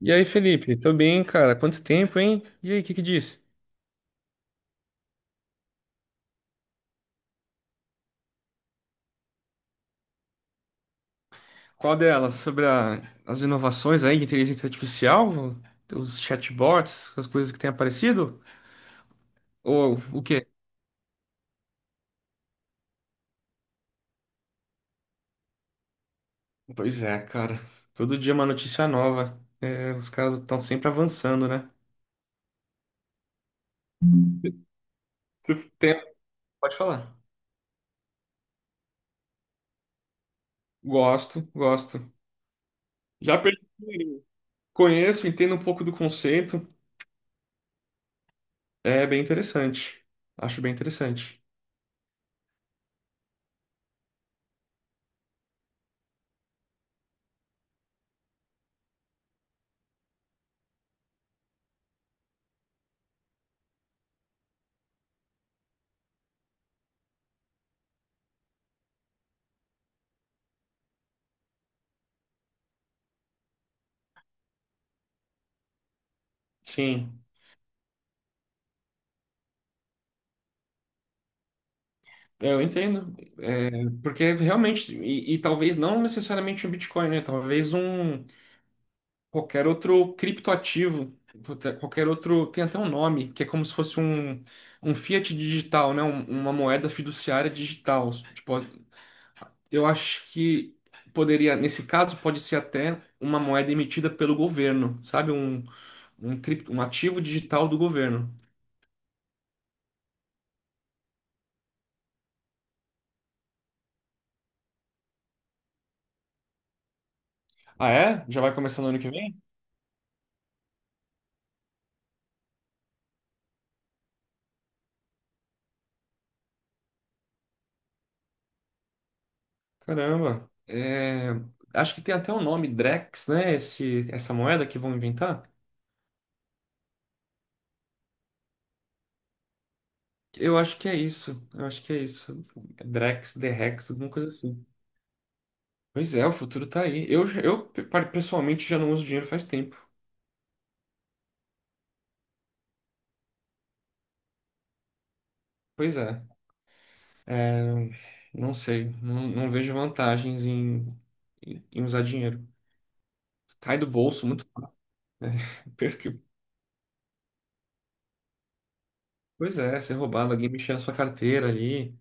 E aí, Felipe? Tô bem, cara. Quanto tempo, hein? E aí, o que que diz? Qual delas? Sobre a- as inovações aí de inteligência artificial? Os chatbots, as coisas que têm aparecido? Ou o quê? Pois é, cara. Todo dia uma notícia nova. É, os caras estão sempre avançando, né? Você tem- Pode falar. Gosto, gosto. Já perdi o dinheirinho. Conheço, entendo um pouco do conceito. É bem interessante. Acho bem interessante. Sim, eu entendo. Porque realmente, e talvez não necessariamente um Bitcoin, né? Talvez um qualquer outro criptoativo, puta, qualquer outro, tem até um nome, que é como se fosse um fiat digital, né? Um- uma moeda fiduciária digital. Tipo, eu acho que poderia, nesse caso, pode ser até uma moeda emitida pelo governo, sabe? Um, cripto, um ativo digital do governo. Ah, é? Já vai começar no ano que vem? Caramba. É, acho que tem até o nome Drex, né? Esse, essa moeda que vão inventar. Eu acho que é isso. Eu acho que é isso. Drex, Drex, alguma coisa assim. Pois é, o futuro tá aí. Eu pe- pessoalmente já não uso dinheiro faz tempo. Pois é. É, não sei. Não, não vejo vantagens em, em usar dinheiro. Cai do bolso muito. Porque- Pois é, ser roubado, alguém mexer na sua carteira ali.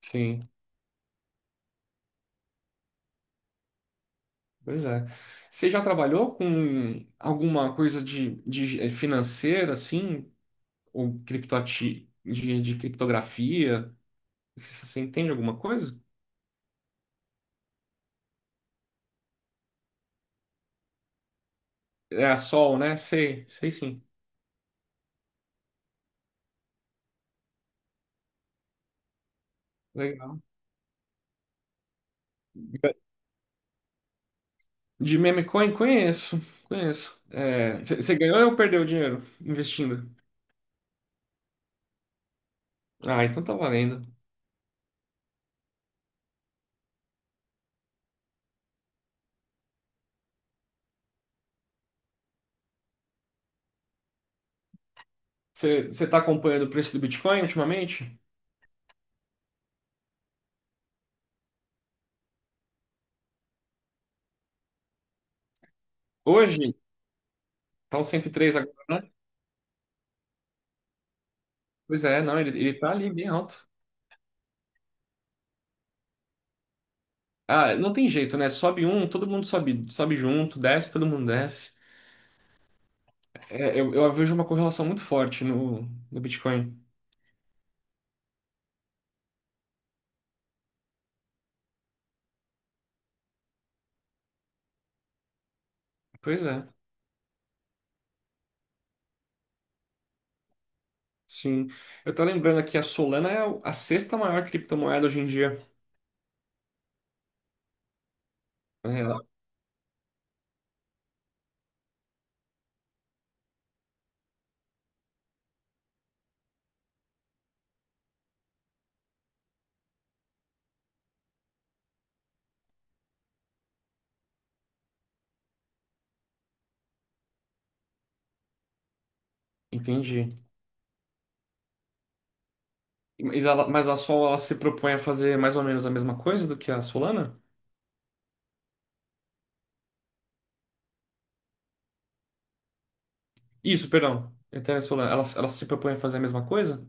Sim. Pois é. Você já trabalhou com alguma coisa de financeira, assim, ou criptoati de criptografia? Você, você entende alguma coisa? É a Sol, né? Sei, sei sim. Legal. De meme coin, conheço, conheço. É, você ganhou ou perdeu dinheiro investindo? Ah, então tá valendo. Você tá acompanhando o preço do Bitcoin ultimamente? Hoje, tá uns 103 agora, né? Pois é, não, ele tá ali bem alto. Ah, não tem jeito, né? Sobe um, todo mundo sobe, sobe junto, desce, todo mundo desce. É, eu vejo uma correlação muito forte no, no Bitcoin. Pois é, sim. Eu tô lembrando aqui, a Solana é a sexta maior criptomoeda hoje em dia. É, ela- entendi. Mas, ela, mas a Sol, ela se propõe a fazer mais ou menos a mesma coisa do que a Solana? Isso, perdão. Eterna Solar. Ela se propõe a fazer a mesma coisa?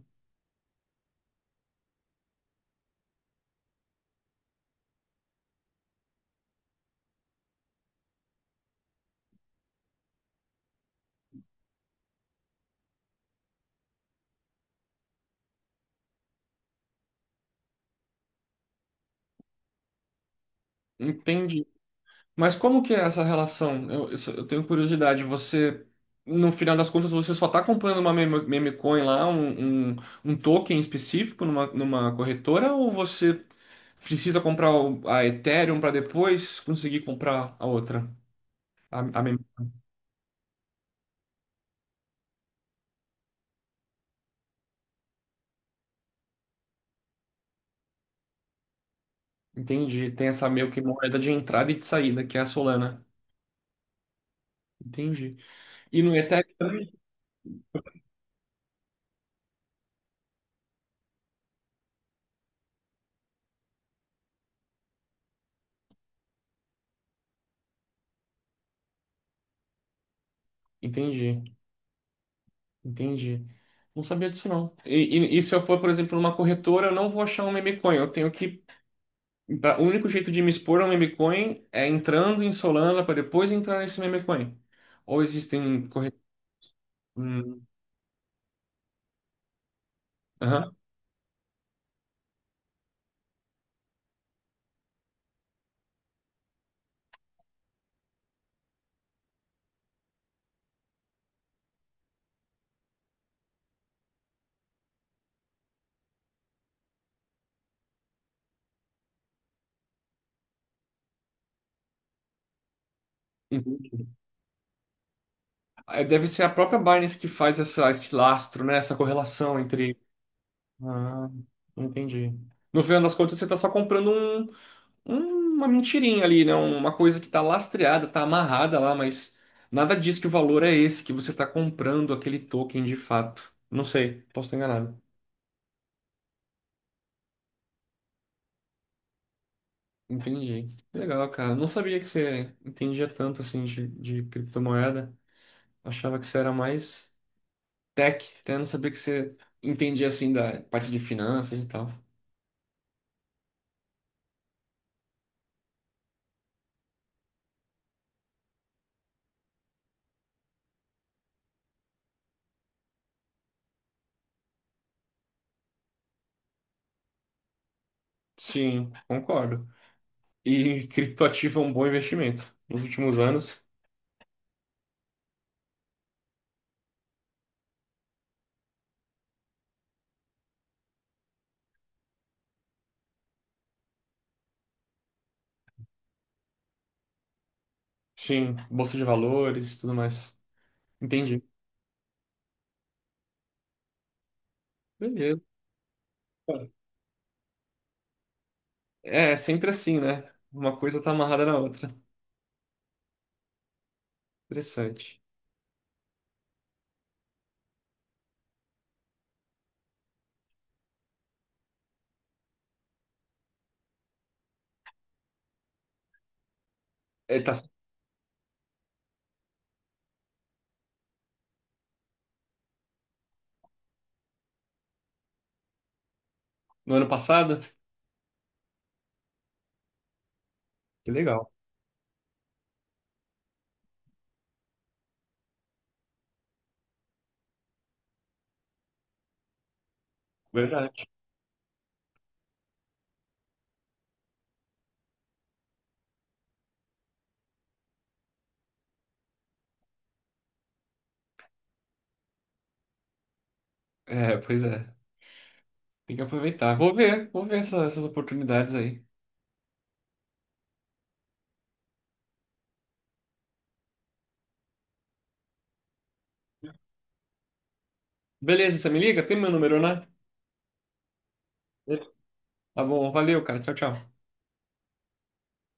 Entendi. Mas como que é essa relação? Só- eu tenho curiosidade. Você, no final das contas, você só está comprando uma meme, meme coin lá, um token específico numa, numa corretora, ou você precisa comprar o- a Ethereum para depois conseguir comprar a outra. A mem- entendi. Tem essa meio que moeda de entrada e de saída, que é a Solana. Entendi. E no Ethereum também? Entendi, entendi. Não sabia disso não. E se eu for, por exemplo, numa corretora, eu não vou achar um meme coin. Eu tenho que. Pra- O único jeito de me expor a um meme coin é entrando em Solana para depois entrar nesse meme coin. Ou existem corretoras. É, deve ser a própria Binance que faz essa, esse lastro, né? Essa correlação entre. Ah, entendi. No final das contas, você está só comprando um- um- uma mentirinha ali, né? Uma coisa que está lastreada, está amarrada lá, mas nada diz que o valor é esse, que você está comprando aquele token de fato. Não sei, posso estar enganado. Entendi. Legal, cara. Não sabia que você entendia tanto assim de criptomoeda. Achava que você era mais tech, até não sabia que você entendia assim da parte de finanças e tal. Sim, concordo. E criptoativo é um bom investimento. Nos últimos anos, sim, bolsa de valores e tudo mais. Entendi. Beleza. É, sempre assim, né? Uma coisa tá amarrada na outra. Interessante. É, tá no ano passado? Que legal. Verdade. É, pois é. Tem que aproveitar. Vou ver essa- essas oportunidades aí. Beleza, você me liga? Tem meu número, né? Tá bom, valeu, cara. Tchau, tchau.